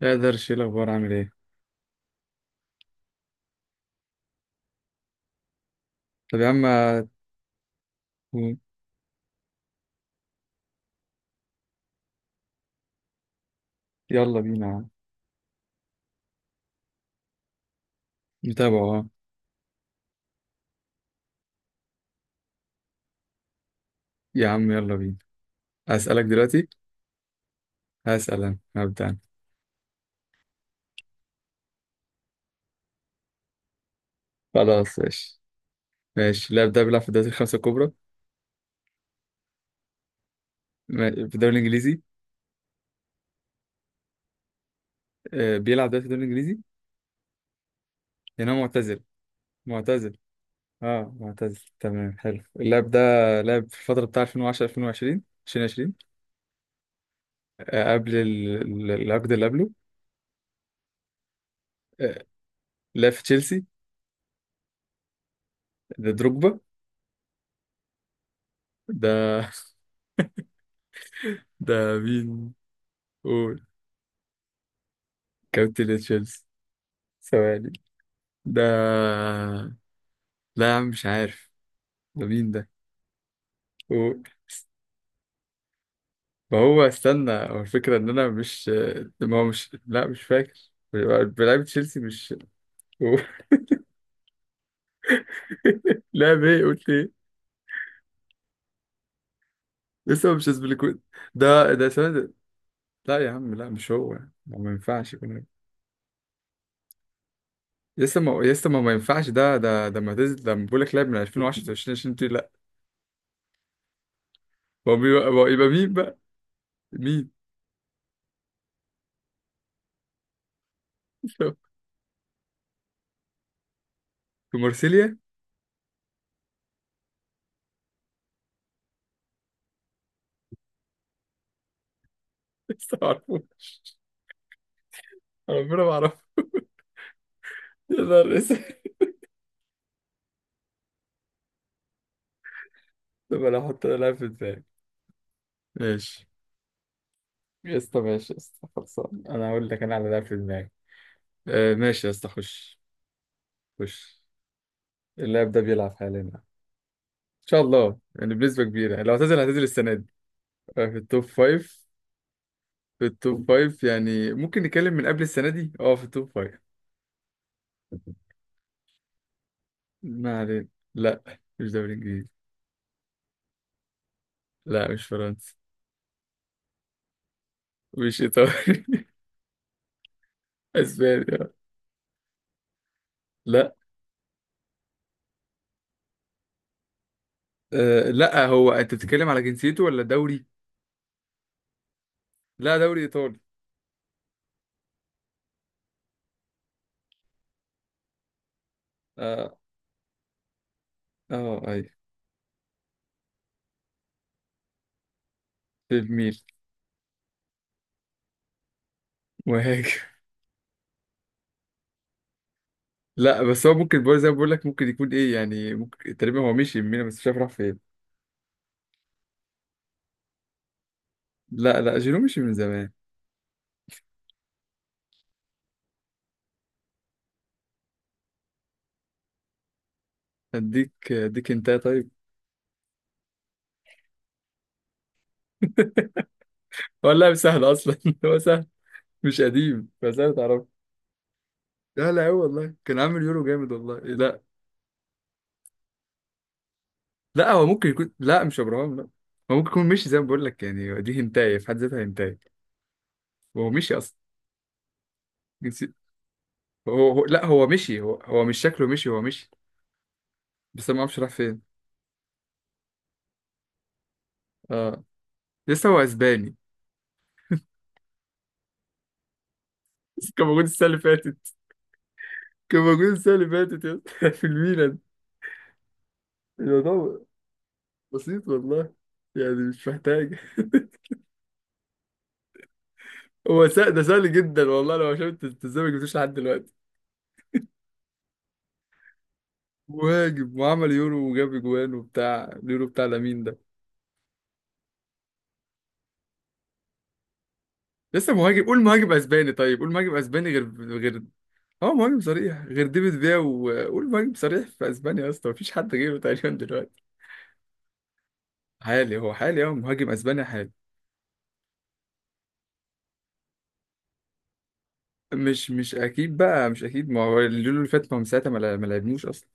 لا، قدرش، ايه الاخبار، عامل ايه؟ طب يا عم. يلا بينا يا عم. نتابعه، اه. يا عم يلا بينا. هسألك دلوقتي. هسأل انا، هبدأ انا. خلاص ماشي. ماشي، اللاعب ده بيلعب في الدوري الخمسة الكبرى. في الدوري الانجليزي. بيلعب ده في الدوري الانجليزي. يعني هو معتزل. معتزل. اه معتزل، تمام، حلو اللاعب ده. لعب في الفترة بتاع 2010 2020. 2020. قبل العقد اللي قبله. آه، لعب في تشيلسي. ده دروجبا. ده ده مين؟ قول. كابتن تشيلسي. ثواني. ده. لا يا عم، مش عارف. ده مين ده؟ قول. ما هو استنى، هو الفكرة إن أنا مش. ما هو مش، لا مش فاكر. بلعب تشيلسي، مش. قول. لا إيه قلت إيه؟ لسه مش اسبليكويت. ده ثواني ده. لا يا عم، لا مش هو ما. ما ينفعش يكون هو. لسه ما ينفعش. ده ده ده ما تز... ده بقول لك لعب من 2010 ل 2020 دي، لا. هو بيبقى، هو يبقى مين بقى؟ مين؟ في مارسيليا. لسه ما اعرفوش. ربنا ما اعرفه. يا نهار اسود. طب انا احط، لاعب في دماغي. ماشي يا اسطى، ماشي يا اسطى، خلصان. انا اقول لك انا على لاعب في دماغي. آه ماشي يا اسطى خش. خش. اللاعب ده بيلعب حاليا ان شاء الله، يعني بنسبة كبيرة، يعني لو هتنزل هتنزل السنة دي. آه في التوب فايف. في التوب فايف، يعني ممكن نتكلم من قبل السنة دي، اه في التوب فايف. ما علينا. لا مش دوري انجليزي. لا مش فرنسي. مش ايطالي اسباني، آه. لا. آه لا، هو انت بتتكلم على جنسيته ولا دوري؟ لا، دوري ايطالي. اه. اه ايوه، في الميل. مهاجم. لا بس هو ممكن برضه زي ما بقول لك، ممكن يكون ايه يعني، ممكن تقريبا هو مشي من ميلان بس مش عارف راح فين. لا لا، جيرو مشي من زمان. اديك، اديك انت طيب. هو اللاعب سهل اصلا هو سهل. مش قديم فسهل تعرف. لا لا، هو والله كان عامل يورو جامد والله. إيه، لا. لا هو ممكن يكون، لا مش ابراهام، لا. هو ممكن يكون مشي زي ما بقول لك، يعني دي هنتايه في حد ذاتها، هنتايه. هو مشي اصلا. جنسي- هو لا هو مشي. هو مش شكله مشي، هو مشي. بس أنا ما اعرفش راح فين. اه. لسه هو اسباني. بس كان موجود السنه اللي فاتت. كان موجود السنة اللي فاتت يا اسطى في الميلان. الموضوع بسيط والله، يعني مش محتاج هو سهل، ده سهل جدا والله، لو شفت انت ازاي ما جبتوش لحد دلوقتي. مهاجم، وعمل يورو، وجاب اجوان وبتاع اليورو بتاع لامين ده. لسه مهاجم. قول مهاجم اسباني. طيب، قول مهاجم اسباني غير. غير. اه مهاجم صريح غير ديفيد فيا، وقول مهاجم صريح في اسبانيا يا اسطى، مفيش حد غيره تقريبا دلوقتي. حالي. هو حالي. اه مهاجم اسباني حالي. مش اكيد بقى، مش اكيد. ما هو اليورو اللي فات، ما هو من ساعتها ما لعبنوش اصلا.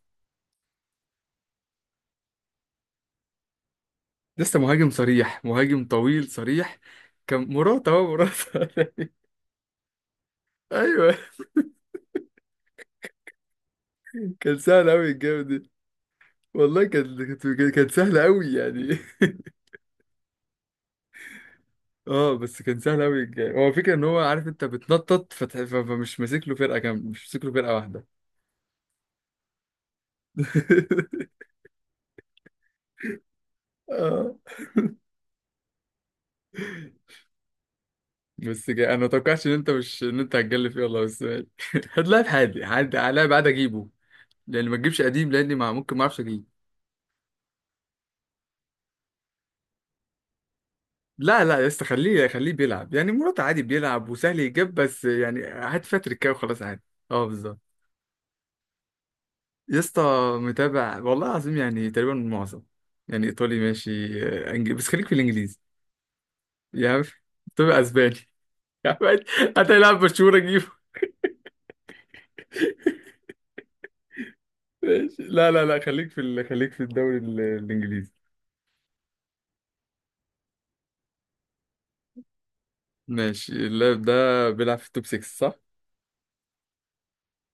لسه مهاجم صريح، مهاجم طويل صريح. كان مراته، اهو مراته ايوه. كان سهل قوي الجيم دي. والله كانت. كانت سهله قوي يعني. اه، بس كان سهل قوي الجيم. هو الفكره ان هو عارف انت بتنطط فمش ماسك له فرقه كامله، مش ماسك له فرقه واحده. اه بس جاي. انا ما توقعتش ان انت مش ان انت هتجلف فيه والله، بس ماشي. هات لاعب حالي، حد لاعب عادي اجيبه. لان ما تجيبش قديم، لاني ما ممكن، ما اعرفش اجيب. لا لا يا اسطى، خليه خليه بيلعب يعني، مرات عادي بيلعب وسهل يجيب، بس يعني هات فيها تريكايه وخلاص عادي. اه بالظبط. يا اسطى. متابع والله العظيم، يعني تقريبا معظم. يعني ايطالي ماشي، انجليزي، بس خليك في الانجليزي. يا عم. تبقى اسباني يا عم. هتلاعب برشلونة، جيبه. ماشي. لا لا لا، خليك في ال... خليك في الدوري الانجليزي. ماشي. اللاعب ده بيلعب في التوب 6 صح؟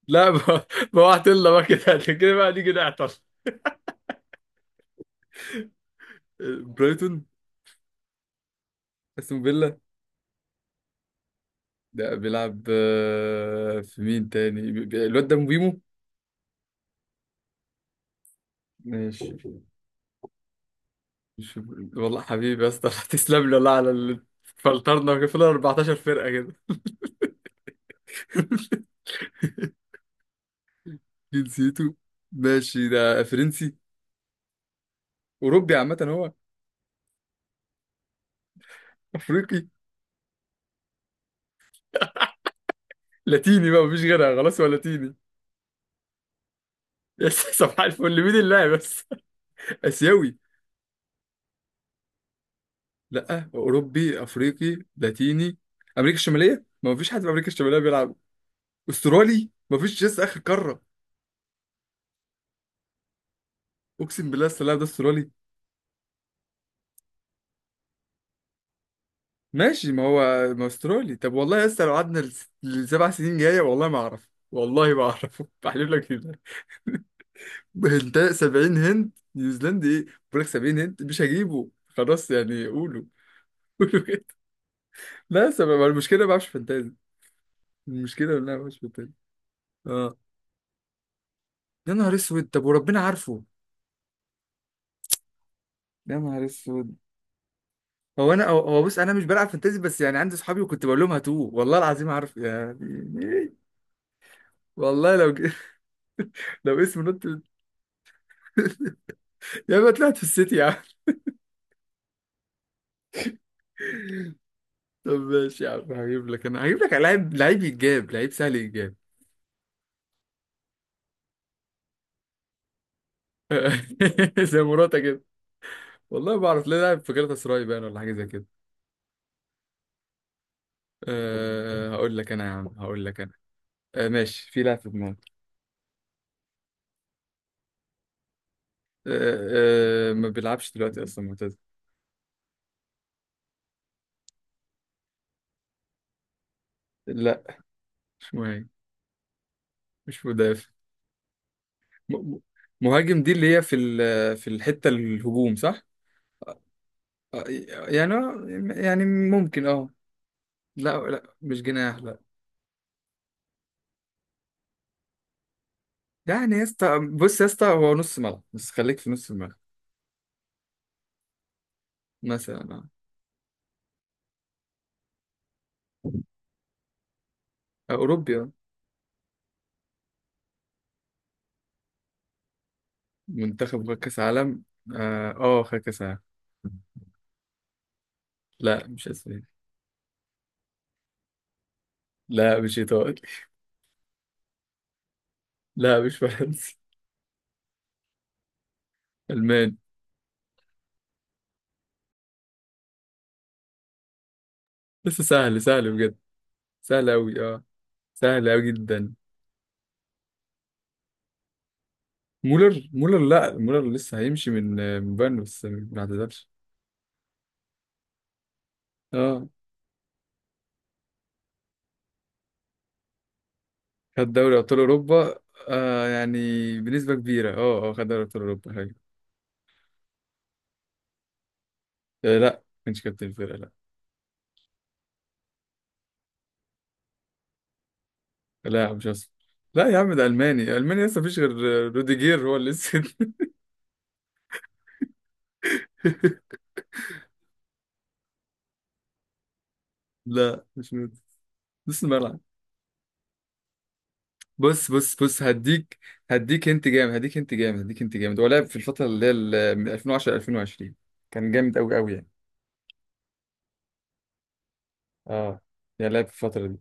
لا. بوعت لنا بقى كده كده بقى نيجي نعطل. برايتون. استون فيلا. ده بيلعب، في مين تاني؟ الواد ده مبيمو. ماشي. مش. والله حبيبي يا اسطى تسلم لي والله على اللي. فلترنا كده، فينا 14 فرقة كده. جنسيته. ماشي، ده فرنسي. أوروبي عامة هو. أفريقي. لاتيني بقى، مفيش غيرها خلاص، هو لاتيني. يا صباح الفل، مين اللاعب بس؟ آسيوي. لأ، أوروبي أفريقي لاتيني. أمريكا الشمالية، ما مفيش حد في أمريكا الشمالية بيلعب. أسترالي مفيش، لسه آخر قارة. أقسم بالله السلام، ده أسترالي. ماشي، ما هو. ما هو استرالي. طب والله يا اسطى، لو قعدنا لسبع سنين جايه، والله ما اعرف، والله ما اعرف بحلف لك كده. انت 70 هند نيوزيلندي ايه؟ بقول لك 70 هند مش هجيبه، خلاص يعني قولوا. قولوا كده. لا، سبب المشكله ما بعرفش فانتازي. المشكله ان انا ما بعرفش فانتازي. اه. يا نهار اسود. طب وربنا عارفه. يا نهار اسود. هو انا هو هو بص، انا مش بلعب فانتازي، بس يعني عندي صحابي وكنت بقول لهم هاتوه. والله العظيم، عارف يعني إيه؟ والله لو اسم نط يا ما طلعت في السيتي يا عم. طب ماشي يا عم، هجيب لك انا، هجيب لك لعيب، لعيب يتجاب، لعيب سهل يتجاب. زي مراته كده. والله ما اعرف ليه، لاعب في galatasaray باين ولا حاجه زي كده. أه هقول لك انا يا عم، هقول لك انا. أه ماشي، في لاعب في دماغي. أه أه، ما بيلعبش دلوقتي اصلا، معتزل. لا مش مهاجم. مش مدافع. م- م- مهاجم دي اللي هي في في الحته الهجوم صح؟ آه، يعني. يعني ممكن اه. لا لا مش جناح لا. يعني يا اسطى بص، يا اسطى هو نص ملعب، بس خليك في نص الملعب. مثلا. أوروبيا. منتخب خد كأس عالم. آه، خد كأس عالم. لا مش أسباني. لا مش إيطالي. لا مش فرنسي. ألماني. بس سهل سهل بجد. سهل أوي، أه. سهل أوي جدا. مولر لا. مولر لسه هيمشي من بايرن، بس ما اعتزلش. أه. خد دوري أبطال أوروبا. آه يعني، بنسبة كبيرة، أه أه خد دوري أبطال أوروبا حاجة. آه لا، ما كانش كابتن الفرقة لا. لا مش أسباني. لا يا عم، ده ألماني، ألماني لسه مفيش غير. روديجير هو اللي لسه لا مش نوت. نص الملعب. بص بص بص هديك. هديك انت جامد، هديك انت جامد، هديك انت جامد. هو لعب في الفترة اللي هي من 2010 ل 2020. كان جامد قوي قوي يعني. اه. يعني لعب في الفترة دي.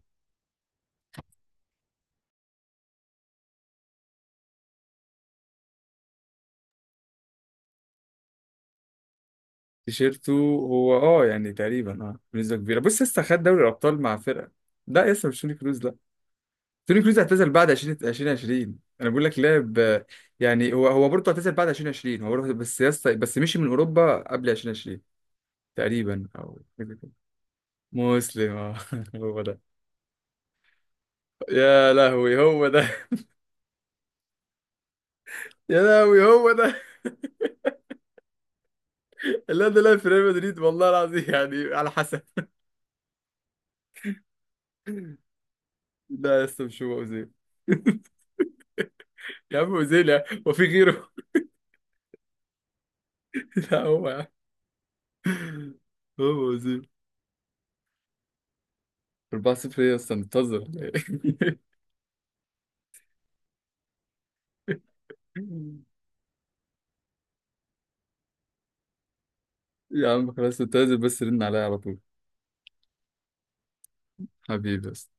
تيشيرته. هو اه يعني تقريبا، اه بنسبة كبيرة، بص لسه خد دوري الأبطال مع فرقة. لا لسه مش توني كروز لا. توني كروز اعتزل بعد 20 2020، انا بقول لك لعب يعني. هو برضه اعتزل بعد 2020، هو برضه بس مشي من أوروبا قبل 2020. تقريبا او كده. مسلم، اه هو ده. يا لهوي هو ده يا لهوي هو ده. اللي انا لاعب في ريال مدريد والله العظيم، يعني على حسب. لا يا اسطى، مش هو اوزيل. يا عم اوزيل، هو في غيره. لا هو يا عم. هو اوزيل. 4-0. ايه يا اسطى منتظر يا عم خلاص، انت لازم بس رن عليا على طول. حبيبي بس.